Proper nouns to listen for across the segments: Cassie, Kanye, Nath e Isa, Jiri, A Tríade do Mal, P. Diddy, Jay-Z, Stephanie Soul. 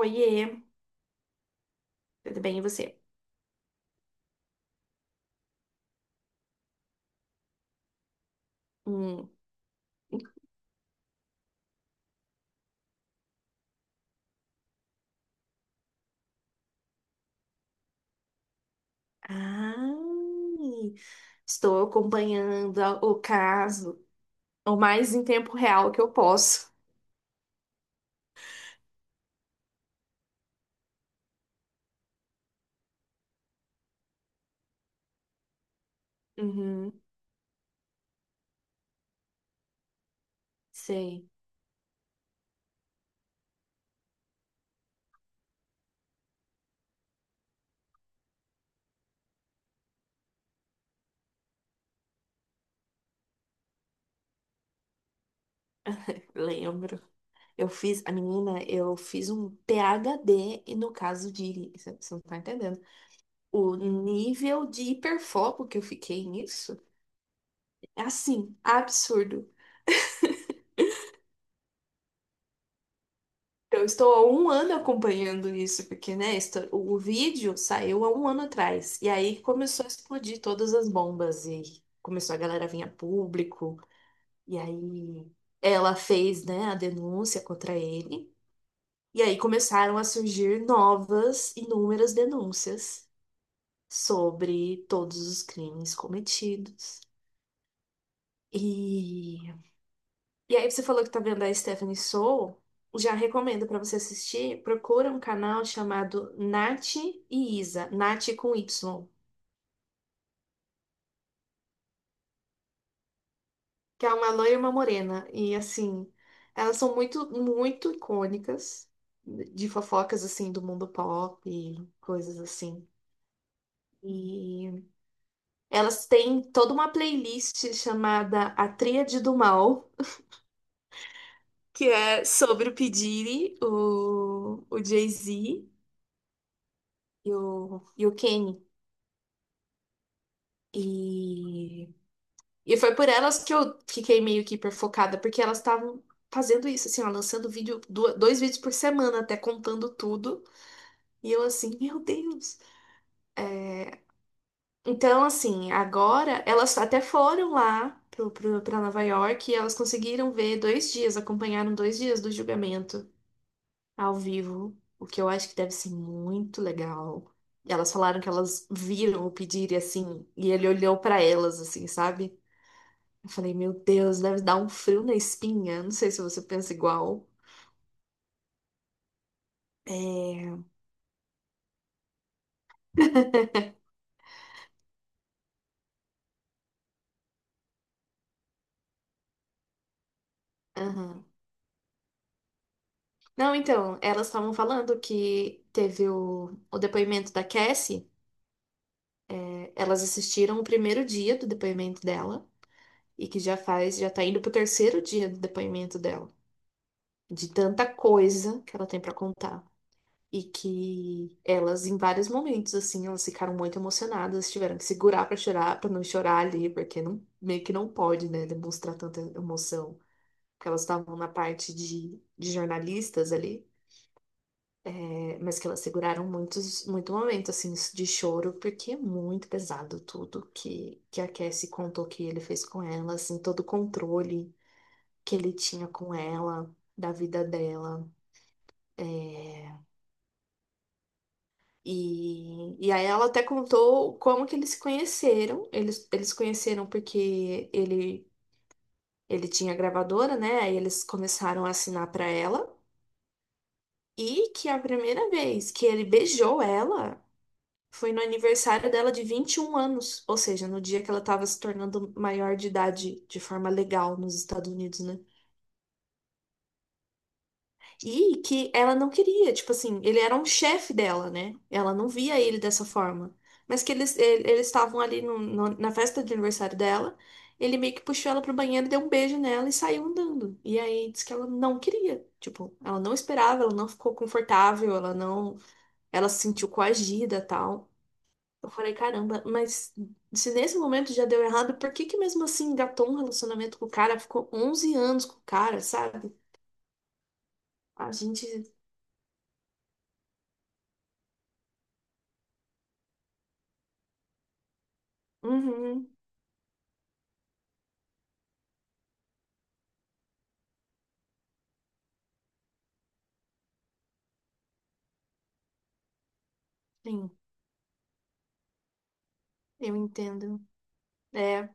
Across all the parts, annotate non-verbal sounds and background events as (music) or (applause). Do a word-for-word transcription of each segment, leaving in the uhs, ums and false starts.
Oiê, tudo bem e você? Hum. Ai, estou acompanhando a- o caso o mais em tempo real que eu posso. Uhum, sei, lembro. Eu fiz, a menina, eu fiz um PhD e no caso de, você você não tá entendendo, o nível de hiperfoco que eu fiquei nisso é assim, absurdo. (laughs) Eu estou há um ano acompanhando isso, porque, né, esto- o o vídeo saiu há um ano atrás. E aí começou a explodir todas as bombas e começou a galera a vir a público. E aí ela fez, né, a denúncia contra ele. E aí começaram a surgir novas, inúmeras denúncias sobre todos os crimes cometidos. e E aí você falou que tá vendo a Stephanie Soul, já recomendo pra você assistir, procura um canal chamado Nath e Isa, Nath com Y, que é uma loira e uma morena, e assim, elas são muito, muito icônicas de fofocas, assim, do mundo pop e coisas assim. E elas têm toda uma playlist chamada A Tríade do Mal, que é sobre o P. Diddy, o, o Jay-Z e o, e o Kanye. E, e foi por elas que eu fiquei meio que hiperfocada, porque elas estavam fazendo isso, assim, ó, lançando vídeo, du- dois vídeos por semana, até contando tudo. E eu assim, meu Deus. É, então, assim, agora elas até foram lá pro, pro, pra Nova York e elas conseguiram ver dois dias, acompanharam dois dias do julgamento ao vivo, o que eu acho que deve ser muito legal. E elas falaram que elas viram o pedir e assim, e ele olhou pra elas, assim, sabe? Eu falei, meu Deus, deve dar um frio na espinha. Não sei se você pensa igual. É. Aham. Não, então, elas estavam falando que teve o, o depoimento da Cassie. é, Elas assistiram o primeiro dia do depoimento dela e que já faz, já tá indo pro terceiro dia do depoimento dela, de tanta coisa que ela tem pra contar. E que elas, em vários momentos, assim, elas ficaram muito emocionadas, tiveram que segurar pra chorar, pra não chorar ali, porque não, meio que não pode, né, demonstrar tanta emoção. Porque elas estavam na parte de, de jornalistas ali, é, mas que elas seguraram muitos, muito momento, assim, de choro, porque é muito pesado tudo que, que a Cassie contou que ele fez com ela, assim, todo o controle que ele tinha com ela, da vida dela. É, e, e aí ela até contou como que eles se conheceram. Eles, eles se conheceram porque ele, ele tinha gravadora, né? Aí eles começaram a assinar para ela. E que a primeira vez que ele beijou ela foi no aniversário dela de vinte e um anos, ou seja, no dia que ela estava se tornando maior de idade de forma legal nos Estados Unidos, né? E que ela não queria, tipo assim, ele era um chefe dela, né? Ela não via ele dessa forma. Mas que eles, ele- eles estavam ali no- no- na festa de aniversário dela, ele meio que puxou ela pro banheiro, deu um beijo nela e saiu andando. E aí disse que ela não queria, tipo, ela não esperava, ela não ficou confortável, ela não. Ela se sentiu coagida, tal. Eu falei, caramba, mas se nesse momento já deu errado, por que que mesmo assim engatou um relacionamento com o cara? Ficou onze anos com o cara, sabe? A gente. Uhum, sim, eu entendo. É.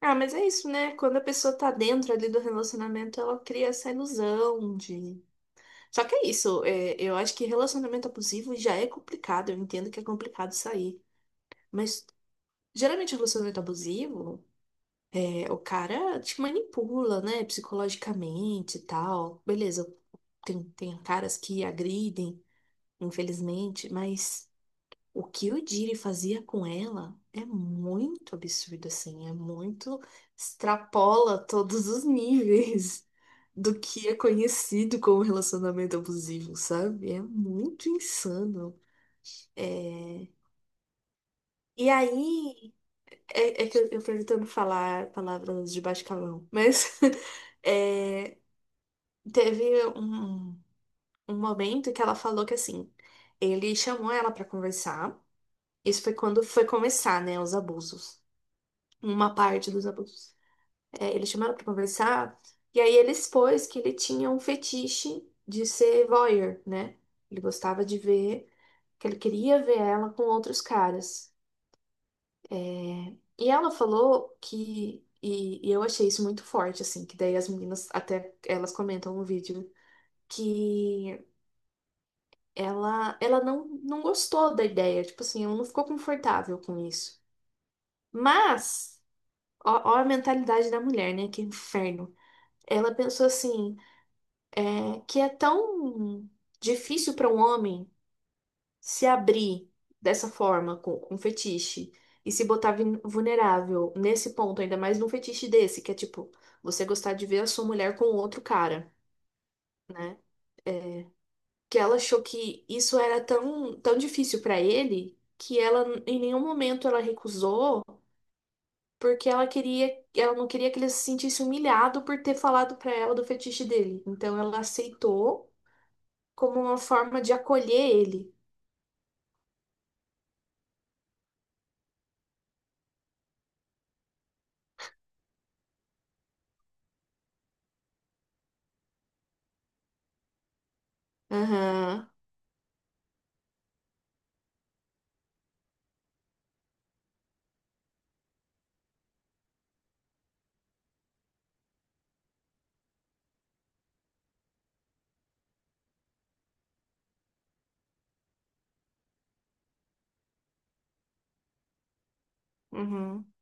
Ah, mas é isso, né? Quando a pessoa tá dentro ali do relacionamento, ela cria essa ilusão de. Só que é isso, é, eu acho que relacionamento abusivo já é complicado, eu entendo que é complicado sair. Mas geralmente o relacionamento abusivo. É, o cara te manipula, né, psicologicamente e tal. Beleza, tem, tem caras que agridem, infelizmente, mas o que o Jiri fazia com ela é muito absurdo, assim, é muito, extrapola todos os níveis (laughs) do que é conhecido como relacionamento abusivo, sabe? É muito insano. É... E aí, é, é que eu, eu tô tentando falar palavras de baixo calão, mas... (laughs) É, teve um, um momento que ela falou que assim, ele chamou ela pra conversar. Isso foi quando foi começar, né, os abusos. Uma parte dos abusos. É, ele chamou ela pra conversar e aí ele expôs que ele tinha um fetiche de ser voyeur, né? Ele gostava de ver, que ele queria ver ela com outros caras. É, e ela falou que e, e eu achei isso muito forte, assim, que daí as meninas até elas comentam no vídeo que ela, ela não, não gostou da ideia, tipo assim, ela não ficou confortável com isso. Mas, ó, ó a mentalidade da mulher, né? Que inferno. Ela pensou assim, é, que é tão difícil para um homem se abrir dessa forma com, com fetiche e se botar vin- vulnerável nesse ponto, ainda mais num fetiche desse, que é tipo, você gostar de ver a sua mulher com outro cara, né? Que ela achou que isso era tão, tão difícil pra ele que ela em nenhum momento ela recusou, porque ela queria, ela não queria que ele se sentisse humilhado por ter falado pra ela do fetiche dele. Então ela aceitou como uma forma de acolher ele. Aham. Uhum.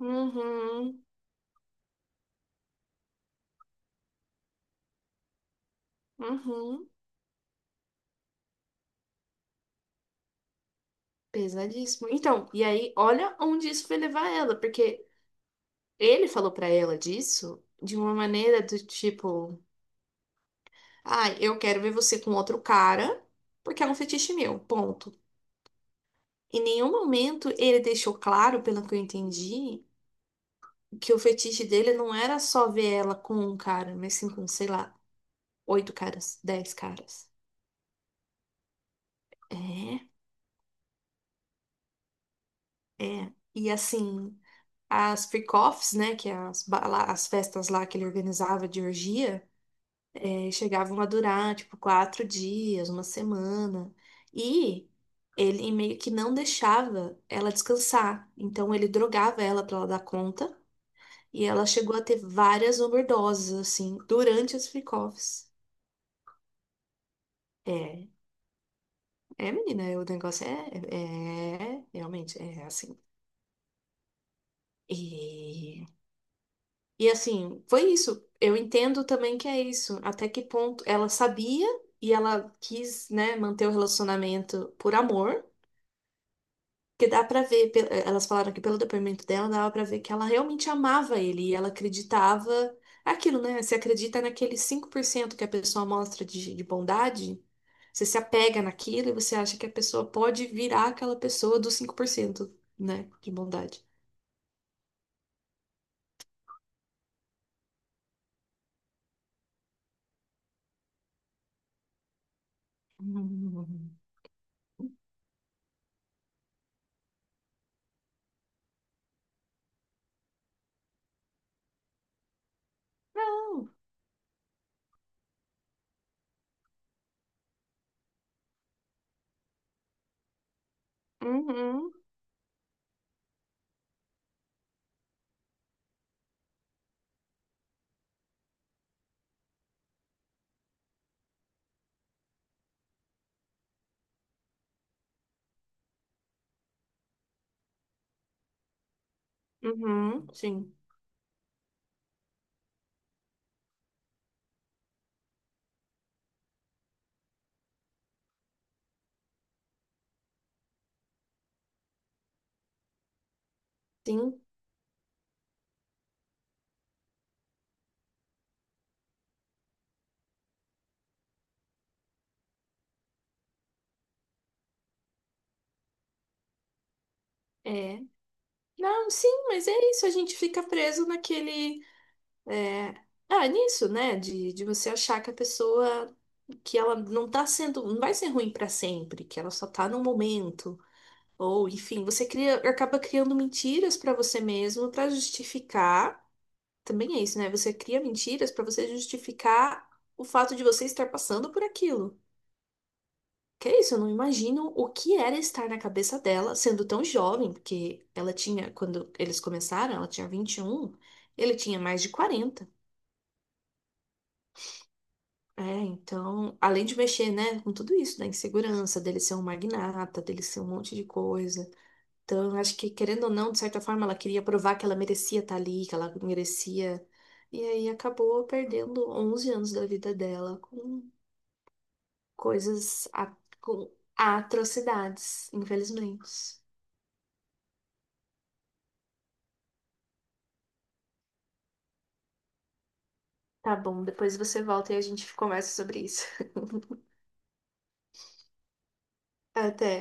Uhum. Uhum. Pesadíssimo. Então, e aí, olha onde isso vai levar ela, porque ele falou pra ela disso de uma maneira do tipo: ai, eu quero ver você com outro cara, porque é um fetiche meu, ponto. Em nenhum momento ele deixou claro, pelo que eu entendi, que o fetiche dele não era só ver ela com um cara, mas sim com, sei lá, oito caras, dez caras. É, é. E assim, as freak-offs, né, que é as, bala- as festas lá que ele organizava de orgia, e chegavam a durar, tipo, quatro dias, uma semana. E ele meio que não deixava ela descansar. Então ele drogava ela pra ela dar conta. E ela chegou a ter várias overdoses, assim, durante os freak-offs. É, é, menina, o negócio é, é, é- realmente, é assim. E, e assim, foi isso. Eu entendo também que é isso. Até que ponto ela sabia e ela quis, né, manter o relacionamento por amor. Porque dá pra ver, pe- eh, elas falaram que pelo depoimento dela, dava pra ver que ela realmente amava ele e ela acreditava aquilo, né? Você acredita naquele cinco por cento que a pessoa mostra de, de bondade, você se apega naquilo e você acha que a pessoa pode virar aquela pessoa dos cinco por cento, né? De bondade. (laughs) Hum. Não. Uhum. Uhum. Sim. Sim. É. Não, sim, mas é isso. A gente fica preso naquele. É, ah, nisso, né? De, de você achar que a pessoa, que ela não tá sendo, não vai ser ruim pra sempre, que ela só tá num momento. Ou, enfim, você cria, acaba criando mentiras pra você mesmo pra justificar. Também é isso, né? Você cria mentiras pra você justificar o fato de você estar passando por aquilo. Que é isso, eu não imagino o que era estar na cabeça dela, sendo tão jovem, porque ela tinha, quando eles começaram, ela tinha vinte e um, ele tinha mais de quarenta. É, então, além de mexer, né, com tudo isso, da insegurança, dele ser um magnata, dele ser um monte de coisa. Então, eu acho que, querendo ou não, de certa forma, ela queria provar que ela merecia estar ali, que ela merecia. E aí acabou perdendo onze anos da vida dela com coisas, a- com atrocidades, infelizmente. Tá bom, depois você volta e a gente conversa sobre isso. (laughs) Até.